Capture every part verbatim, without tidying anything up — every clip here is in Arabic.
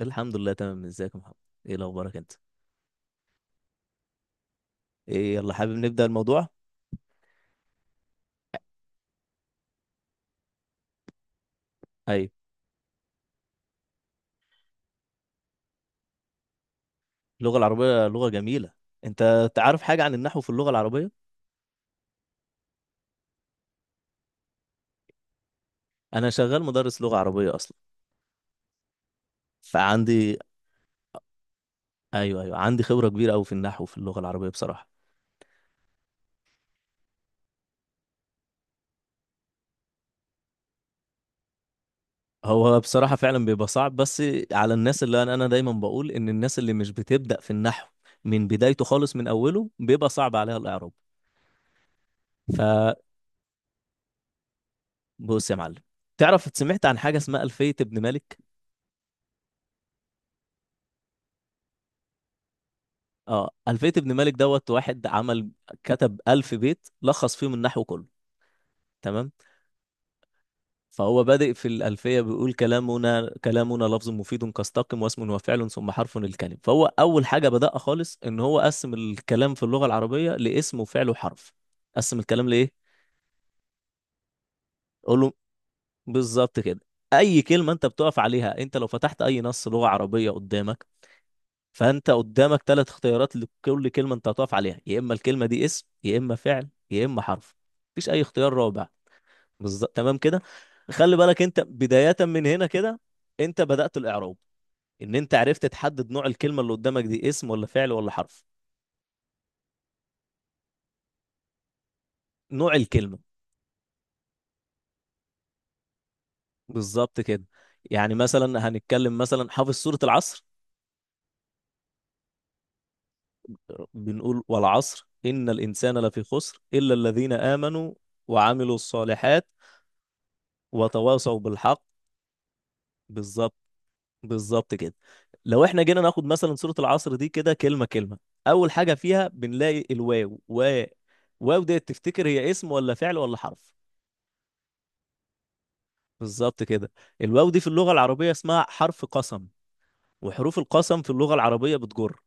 الحمد لله، تمام. ازيك يا محمد؟ ايه اخبارك انت؟ ايه، يلا حابب نبدأ الموضوع. ايوه. اللغة العربية لغة جميلة. انت تعرف حاجة عن النحو في اللغة العربية؟ انا شغال مدرس لغة عربية اصلا. فعندي ايوه، ايوه، عندي خبرة كبيرة قوي في النحو في اللغة العربية بصراحة. هو بصراحة فعلا بيبقى صعب، بس على الناس اللي انا انا دايما بقول ان الناس اللي مش بتبدأ في النحو من بدايته خالص من اوله بيبقى صعب عليها الاعراب. فبص يا معلم، تعرف سمعت عن حاجة اسمها ألفية ابن مالك؟ اه، ألفية ابن مالك دوت، واحد عمل، كتب ألف بيت لخص فيهم النحو كله. تمام. فهو بادئ في الألفية بيقول: كلامنا كلامنا لفظ مفيد كاستقم، واسم وفعل ثم حرف الكلم. فهو أول حاجة بدأها خالص إن هو قسم الكلام في اللغة العربية لاسم وفعل وحرف. قسم الكلام لإيه؟ قول له. بالظبط كده. أي كلمة أنت بتقف عليها، أنت لو فتحت أي نص لغة عربية قدامك، فانت قدامك ثلاث اختيارات لكل كلمه انت هتقف عليها: يا اما الكلمه دي اسم، يا اما فعل، يا اما حرف. مفيش اي اختيار رابع. بالظبط، تمام كده. خلي بالك، انت بدايه من هنا كده. انت بدات الاعراب، ان انت عرفت تحدد نوع الكلمه اللي قدامك، دي اسم ولا فعل ولا حرف. نوع الكلمه. بالظبط كده. يعني مثلا هنتكلم، مثلا حافظ سوره العصر؟ بنقول: والعصر، ان الانسان لفي خسر، الا الذين امنوا وعملوا الصالحات وتواصوا بالحق. بالظبط. بالظبط كده. لو احنا جينا ناخد مثلا سورة العصر دي كده كلمة كلمة، أول حاجة فيها بنلاقي الواو. و واو دي تفتكر هي اسم ولا فعل ولا حرف؟ بالظبط كده. الواو دي في اللغة العربية اسمها حرف قسم، وحروف القسم في اللغة العربية بتجر.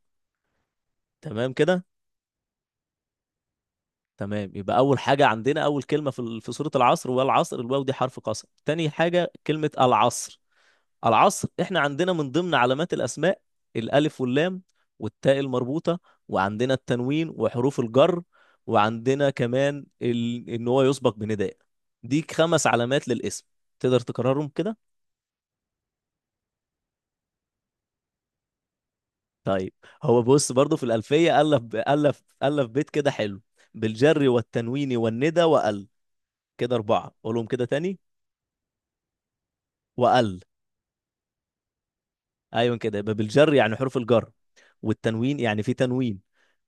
تمام كده. تمام، يبقى أول حاجة عندنا أول كلمة في ال- في سورة العصر، والعصر. الواو دي حرف قسم، تاني حاجة كلمة العصر. العصر احنا عندنا من ضمن علامات الاسماء الالف واللام، والتاء المربوطه، وعندنا التنوين وحروف الجر، وعندنا كمان ال... ان هو يسبق بنداء. دي خمس علامات للاسم. تقدر تكررهم كده؟ طيب. هو بص برضو في الالفيه الف ب- الف الف بيت كده حلو: بالجر والتنوين والندى وال. كده اربعه، قولهم كده تاني. وال، ايوه، كده. يبقى بالجر يعني حروف الجر، والتنوين يعني في تنوين،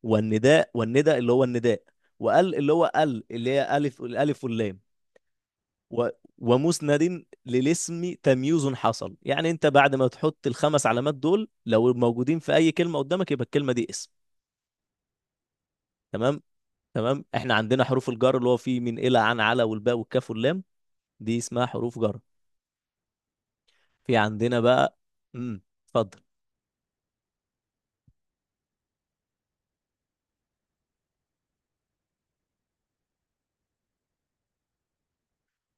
والنداء والندى اللي هو النداء، وال اللي هو ال اللي هي الف الالف واللام. و- ومسند للاسم تمييز حصل. يعني انت بعد ما تحط الخمس علامات دول لو موجودين في اي كلمه قدامك، يبقى الكلمه دي اسم. تمام. تمام، احنا عندنا حروف الجر اللي هو: في، من، الى، عن، على، والباء والكاف واللام. دي اسمها حروف جر. في عندنا بقى. امم اتفضل.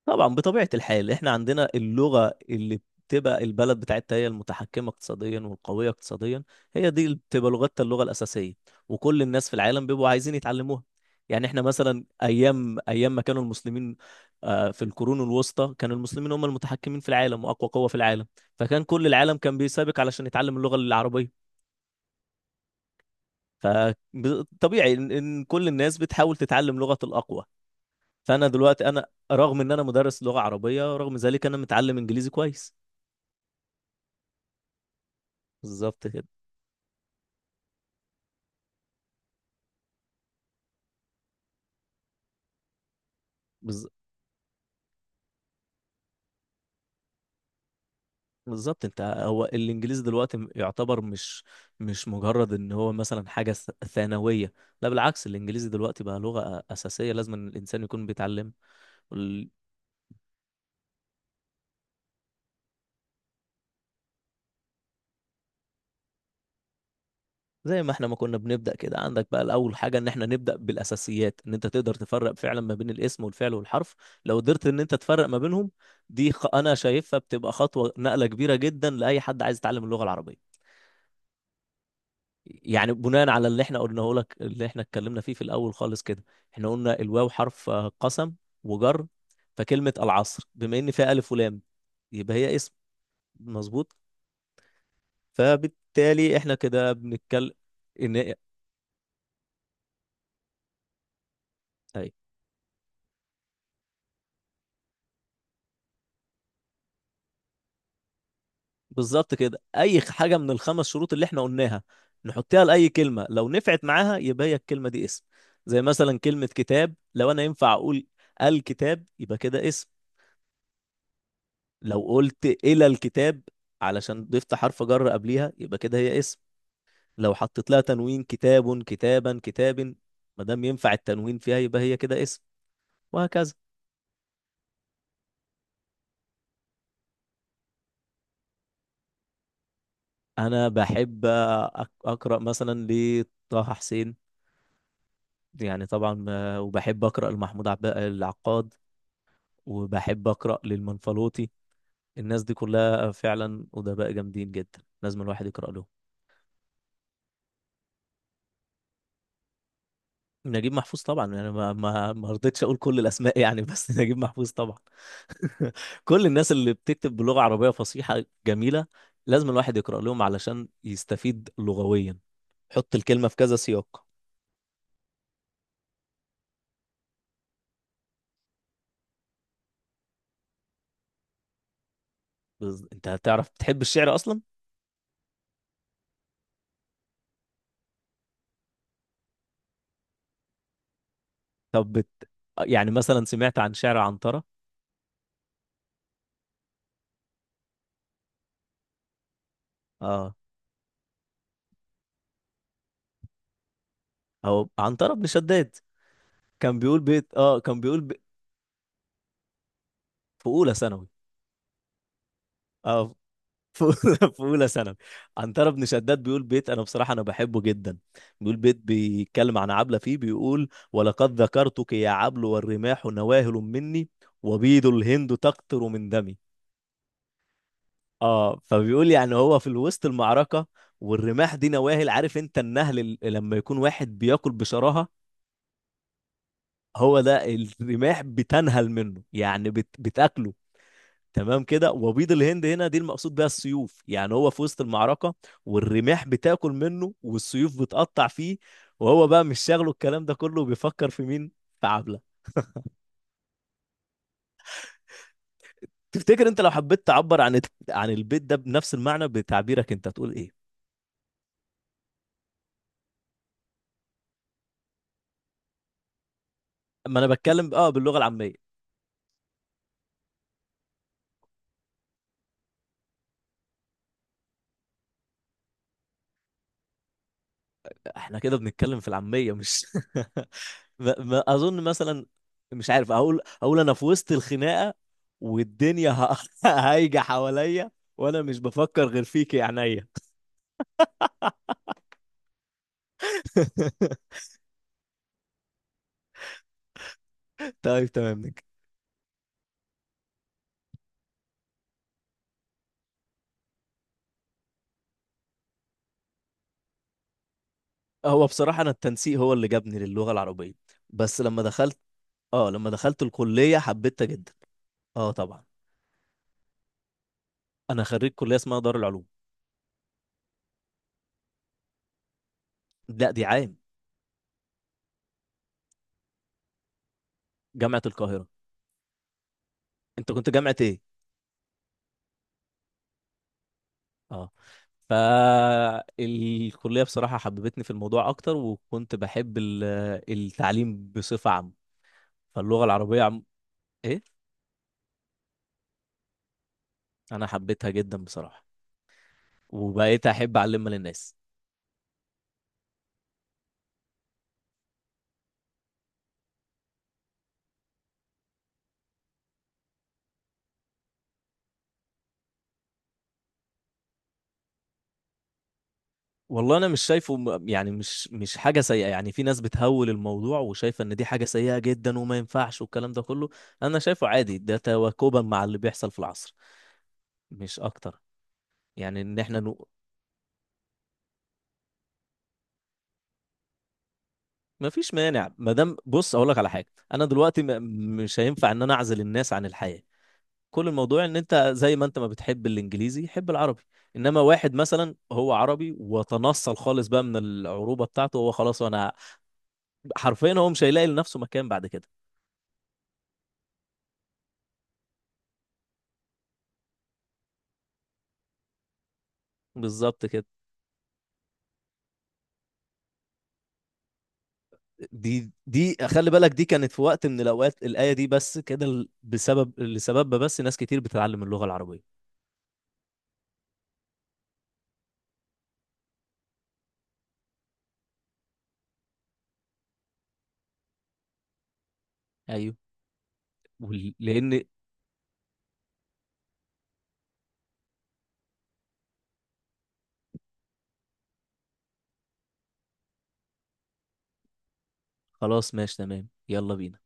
طبعا بطبيعة الحال احنا عندنا اللغة اللي بتبقى البلد بتاعتها هي المتحكمة اقتصاديا والقوية اقتصاديا، هي دي اللي بتبقى لغتها اللغة الأساسية، وكل الناس في العالم بيبقوا عايزين يتعلموها. يعني احنا مثلا أيام أيام ما كانوا المسلمين آه، في القرون الوسطى كان المسلمين هم المتحكمين في العالم وأقوى قوة في العالم. فكان كل العالم كان بيسابق علشان يتعلم اللغة العربية. فطبيعي إن إن كل الناس بتحاول تتعلم لغة الأقوى. فانا دلوقتي انا رغم ان انا مدرس لغه عربيه، رغم ذلك انا متعلم انجليزي كويس. بالظبط كده. بالز- بالظبط، انت هو الانجليزي دلوقتي م- يعتبر مش مش مجرد ان هو مثلا حاجه ث- ثانويه. لا بالعكس، الانجليزي دلوقتي بقى لغه أ- اساسيه، لازم إن الانسان يكون بيتعلم. وال- زي ما احنا ما كنا بنبدا كده، عندك بقى الاول حاجه ان احنا نبدا بالاساسيات، ان انت تقدر تفرق فعلا ما بين الاسم والفعل والحرف. لو قدرت ان انت تفرق ما بينهم، دي خ... انا شايفها بتبقى خطوه نقله كبيره جدا لاي حد عايز يتعلم اللغه العربيه. يعني بناء على اللي احنا قلناه لك، اللي احنا اتكلمنا فيه في الاول خالص كده، احنا قلنا الواو حرف آه، قسم وجر. فكلمة العصر بما ان فيها الف ولام يبقى هي اسم. مظبوط. فبالتالي احنا كده بنتكلم ان اي بالظبط كده، اي حاجة من الخمس شروط اللي احنا قلناها نحطها لأي كلمة لو نفعت معاها يبقى هي الكلمة دي اسم. زي مثلا كلمة كتاب، لو انا ينفع اقول الكتاب يبقى كده اسم. لو قلت إلى الكتاب، علشان ضفت حرف جر قبليها، يبقى كده هي اسم. لو حطيت لها تنوين: كتاب، كتابا، كتاب، ما دام ينفع التنوين فيها يبقى هي كده اسم. وهكذا. أنا بحب أك- أقرأ مثلا لطه حسين. يعني طبعا ما- وبحب أقرأ لمحمود عب... العقاد. وبحب أقرأ للمنفلوطي. الناس دي كلها فعلا أدباء جامدين جدا، لازم الواحد يقرأ لهم. نجيب محفوظ طبعا، يعني ما ما ما رضيتش اقول كل الاسماء يعني بس. نجيب محفوظ طبعا. كل الناس اللي بتكتب بلغة عربية فصيحة جميلة لازم الواحد يقرأ لهم علشان يستفيد لغويا، حط الكلمة في كذا سياق. بز- انت هتعرف، بتحب الشعر اصلا؟ طب بت... يعني مثلا سمعت عن شعر عنترة؟ اه، او عنترة بن شداد كان بيقول بيت، اه كان بيقول ب... في اولى ثانوي. اه، في أولى في أولى ثانوي، عنترة بن شداد بيقول بيت، أنا بصراحة أنا بحبه جدا. بيقول بيت بيتكلم عن عبلة فيه، بيقول: ولقد ذكرتك يا عبل والرماح نواهل مني وبيض الهند تقطر من دمي. اه، فبيقول يعني هو في الوسط المعركة، والرماح دي نواهل. عارف انت النهل ال- لما يكون واحد بياكل بشراهة، هو ده الرماح بتنهل منه، يعني بت... بتاكله. تمام كده. وبيض الهند هنا دي المقصود بيها السيوف. يعني هو في وسط المعركة، والرماح بتاكل منه والسيوف بتقطع فيه، وهو بقى مش شاغله الكلام ده كله وبيفكر في مين؟ في عبلة. تفتكر انت لو حبيت تعبر عن عن البيت ده بنفس المعنى بتعبيرك انت، هتقول ايه؟ ما انا بتكلم اه باللغة العامية. احنا كده بنتكلم في العامية مش. ما ما اظن مثلا، مش عارف. اقول اقول انا في وسط الخناقة والدنيا ه- هايجة حواليا، وانا مش بفكر غير فيك يا عينيا. طيب تمام نجم. هو بصراحة أنا التنسيق هو اللي جابني للغة العربية، بس لما دخلت. اه، لما دخلت الكلية حبيتها جدا. اه طبعا. أنا خريج كلية اسمها دار العلوم. لا، دي عام. جامعة القاهرة. أنت كنت جامعة إيه؟ اه. فالكلية بصراحة حببتني في الموضوع أكتر، وكنت بحب ال- التعليم بصفة عامة. فاللغة العربية عم... إيه؟ أنا حبيتها جدا بصراحة، وبقيت أحب أعلمها للناس. والله انا مش شايفه م- يعني مش مش حاجه سيئه، يعني في ناس بتهول الموضوع وشايفه ان دي حاجه سيئه جدا وما ينفعش والكلام ده كله. انا شايفه عادي، ده تواكبا مع اللي بيحصل في العصر، مش اكتر. يعني ان احنا نو... ما فيش مانع. ما دام، بص اقول لك على حاجه: انا دلوقتي م... مش هينفع ان انا اعزل الناس عن الحياه. كل الموضوع ان انت زي ما انت ما بتحب الانجليزي حب العربي. انما واحد مثلا هو عربي وتنصل خالص بقى من العروبه بتاعته، هو خلاص. وانا حرفيا هو مش هيلاقي لنفسه مكان بعد كده. بالظبط كده. دي دي خلي بالك، دي كانت في وقت من الاوقات الايه دي بس كده ل- بسبب لسببها بس ناس كتير بتتعلم اللغه العربيه. ايوه. وال- لان خلاص، ماشي تمام، يلا بينا.